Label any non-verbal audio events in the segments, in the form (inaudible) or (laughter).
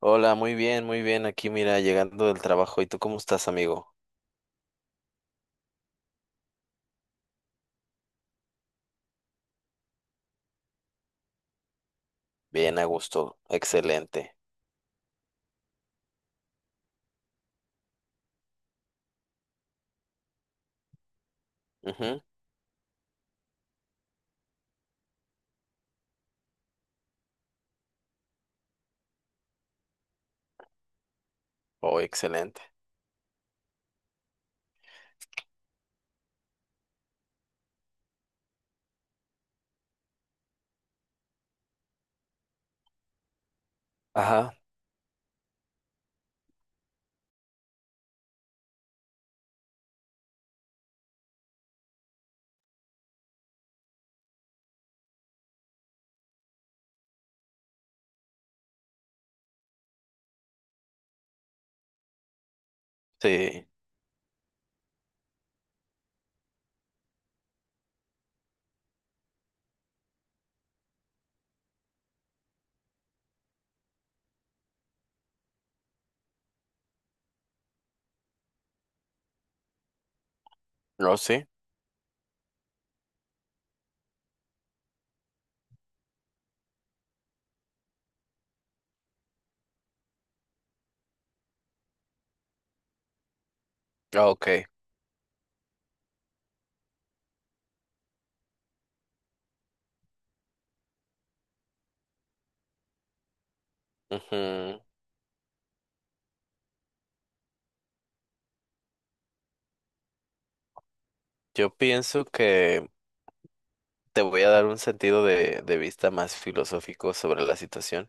Hola, muy bien, muy bien. Aquí, mira, llegando del trabajo. ¿Y tú cómo estás, amigo? Bien, a gusto. Excelente. Ujú. Oh, excelente. Ajá, sí. No, sí. Ah, ok. Ujú. Yo pienso que te voy a dar un sentido de vista más filosófico sobre la situación.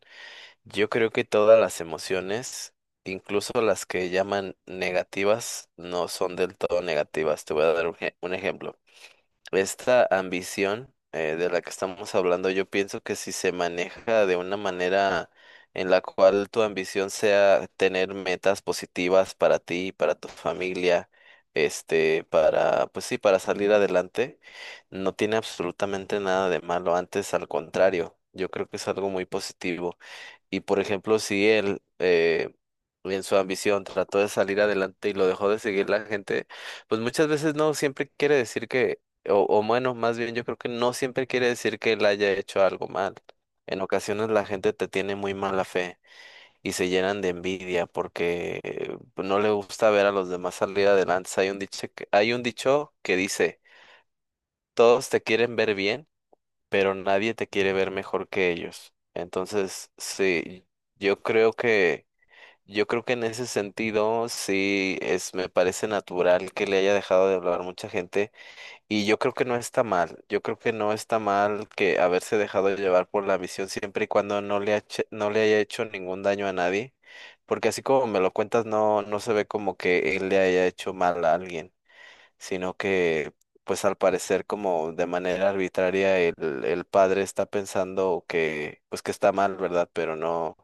Yo creo que todas las emociones, incluso las que llaman negativas, no son del todo negativas. Te voy a dar un, un ejemplo. Esta ambición de la que estamos hablando, yo pienso que si se maneja de una manera en la cual tu ambición sea tener metas positivas para ti, para tu familia, este, para, pues sí, para salir adelante, no tiene absolutamente nada de malo. Antes, al contrario, yo creo que es algo muy positivo. Y por ejemplo, si él en su ambición trató de salir adelante y lo dejó de seguir la gente, pues muchas veces no siempre quiere decir que, o bueno, más bien yo creo que no siempre quiere decir que él haya hecho algo mal. En ocasiones la gente te tiene muy mala fe y se llenan de envidia porque pues, no le gusta ver a los demás salir adelante. Hay un dicho que dice, todos te quieren ver bien pero nadie te quiere ver mejor que ellos. Entonces, sí, yo creo que, yo creo que en ese sentido, sí, es, me parece natural que le haya dejado de hablar mucha gente y yo creo que no está mal, yo creo que no está mal que haberse dejado llevar por la visión siempre y cuando no le, no le haya hecho ningún daño a nadie, porque así como me lo cuentas, no, no se ve como que él le haya hecho mal a alguien sino que pues al parecer como de manera arbitraria el padre está pensando que pues que está mal, ¿verdad? Pero no,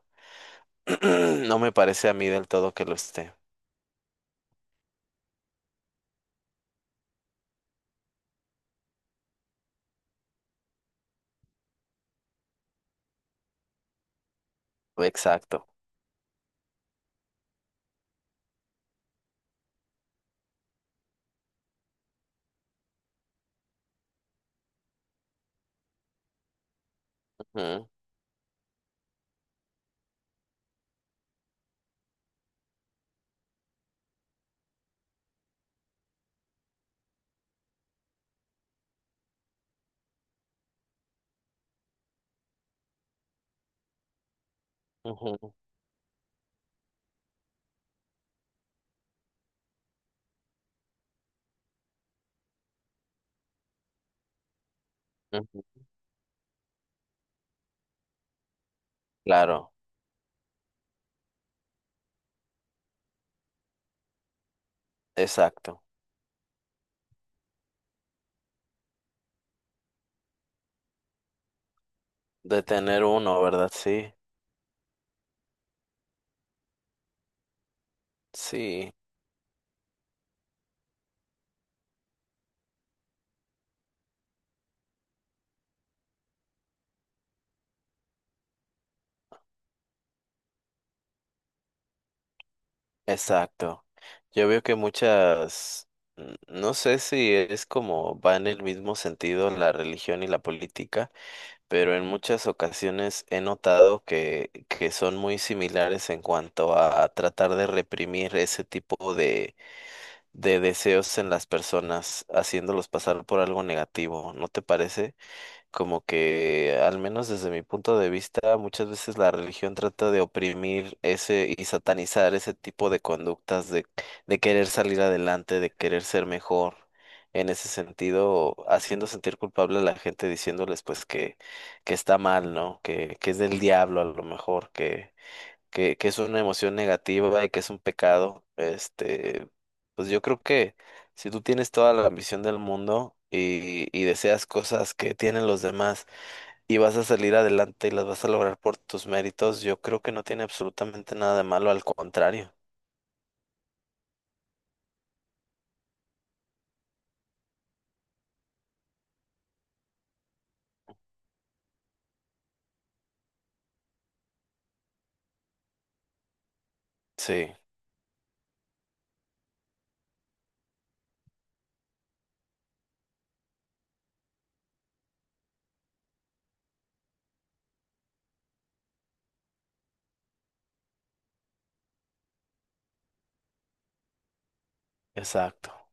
(clears throat) no me parece a mí del todo que lo esté. Exacto. Ujú, ujú, ujú. Claro, exacto. De tener uno, ¿verdad? Sí, sí, exacto. Yo veo que muchas, no sé si es como va en el mismo sentido la religión y la política pero en muchas ocasiones he notado que son muy similares en cuanto a tratar de reprimir ese tipo de deseos en las personas, haciéndolos pasar por algo negativo, ¿no te parece? Como que, al menos desde mi punto de vista, muchas veces la religión trata de oprimir ese y satanizar ese tipo de conductas de querer salir adelante, de querer ser mejor. En ese sentido, haciendo sentir culpable a la gente, diciéndoles pues que está mal, ¿no? Que es del diablo a lo mejor, que es una emoción negativa y que es un pecado, este, pues yo creo que si tú tienes toda la ambición del mundo y deseas cosas que tienen los demás y vas a salir adelante y las vas a lograr por tus méritos, yo creo que no tiene absolutamente nada de malo, al contrario. Sí, exacto.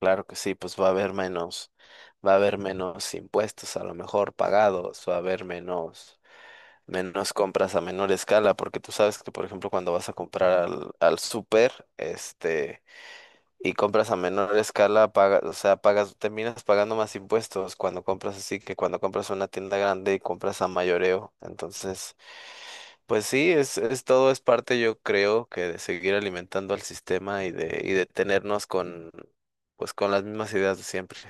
Claro que sí, pues va a haber menos, va a haber menos impuestos a lo mejor pagados, va a haber menos menos compras a menor escala, porque tú sabes que, por ejemplo, cuando vas a comprar al súper, este, y compras a menor escala, pagas, o sea, pagas, terminas pagando más impuestos cuando compras así que cuando compras una tienda grande y compras a mayoreo. Entonces, pues sí, es todo es parte, yo creo, que de seguir alimentando al sistema y de tenernos con, pues con las mismas ideas de siempre.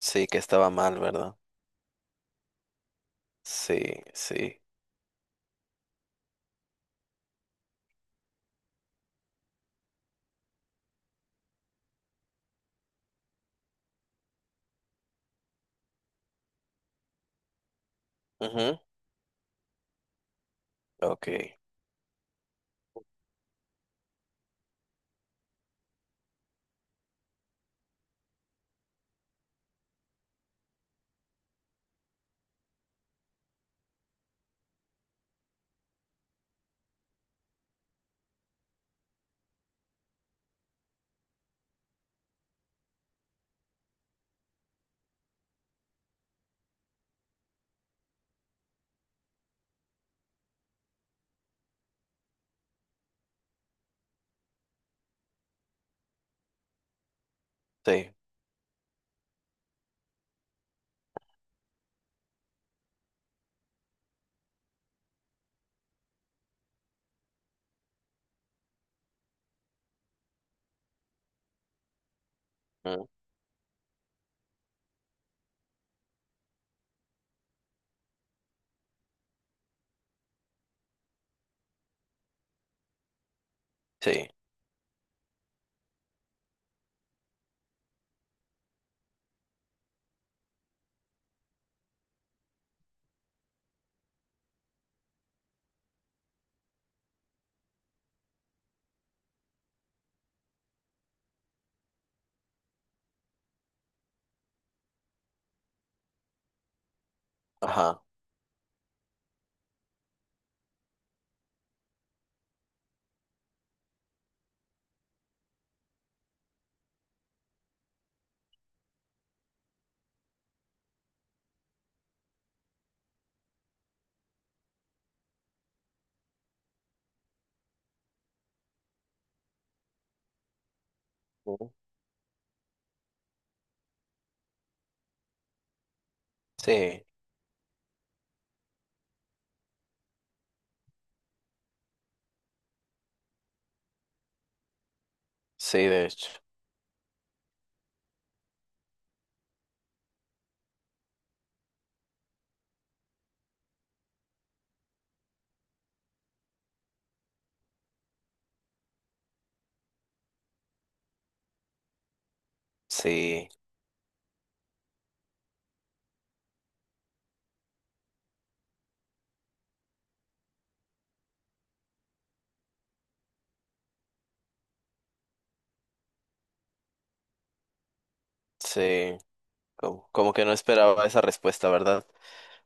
Sí, que estaba mal, ¿verdad? Sí, sí. Ujú, ok. Sí. Mm, sí. Ajá. ¿No? Sí, sí, de hecho. Sí, sí. Como, como que no esperaba esa respuesta, ¿verdad?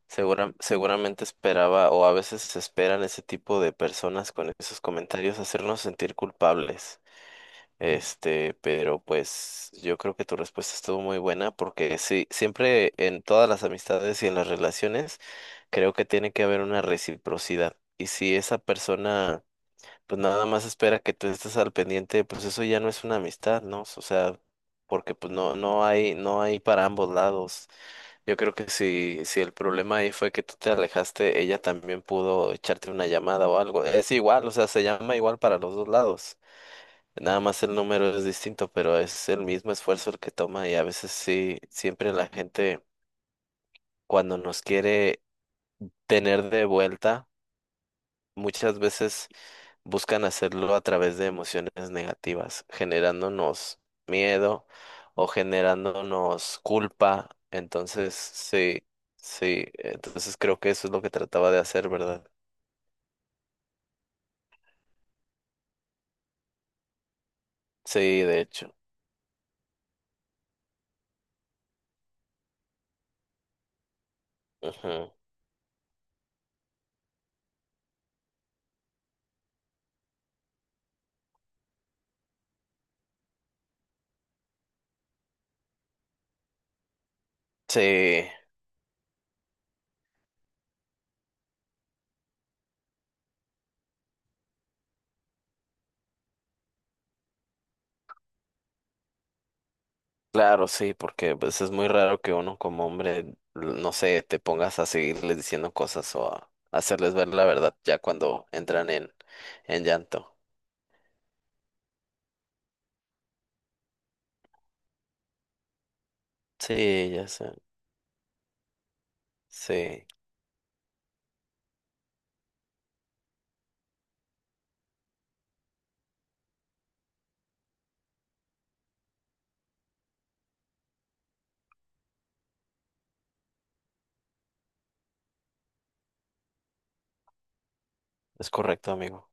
Segura, seguramente esperaba, o a veces se esperan ese tipo de personas con esos comentarios hacernos sentir culpables. Este, pero pues yo creo que tu respuesta estuvo muy buena porque sí, siempre en todas las amistades y en las relaciones creo que tiene que haber una reciprocidad. Y si esa persona pues nada más espera que tú estés al pendiente, pues eso ya no es una amistad, ¿no? O sea, porque pues no, no hay, no hay para ambos lados. Yo creo que si, si el problema ahí fue que tú te alejaste, ella también pudo echarte una llamada o algo. Es igual, o sea, se llama igual para los dos lados. Nada más el número es distinto, pero es el mismo esfuerzo el que toma y a veces sí, siempre la gente cuando nos quiere tener de vuelta, muchas veces buscan hacerlo a través de emociones negativas, generándonos miedo o generándonos culpa. Entonces, sí, sí, entonces creo que eso es lo que trataba de hacer, ¿verdad? Sí, de hecho. Ujú. Sí, claro, sí, porque pues es muy raro que uno como hombre, no sé, te pongas a seguirles diciendo cosas o a hacerles ver la verdad ya cuando entran en llanto. Sí, ya sé. Sí, es correcto, amigo.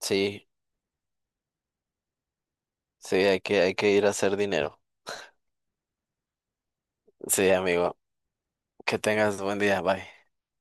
Sí. Sí, hay que ir a hacer dinero. Sí, amigo. Que tengas buen día. Bye.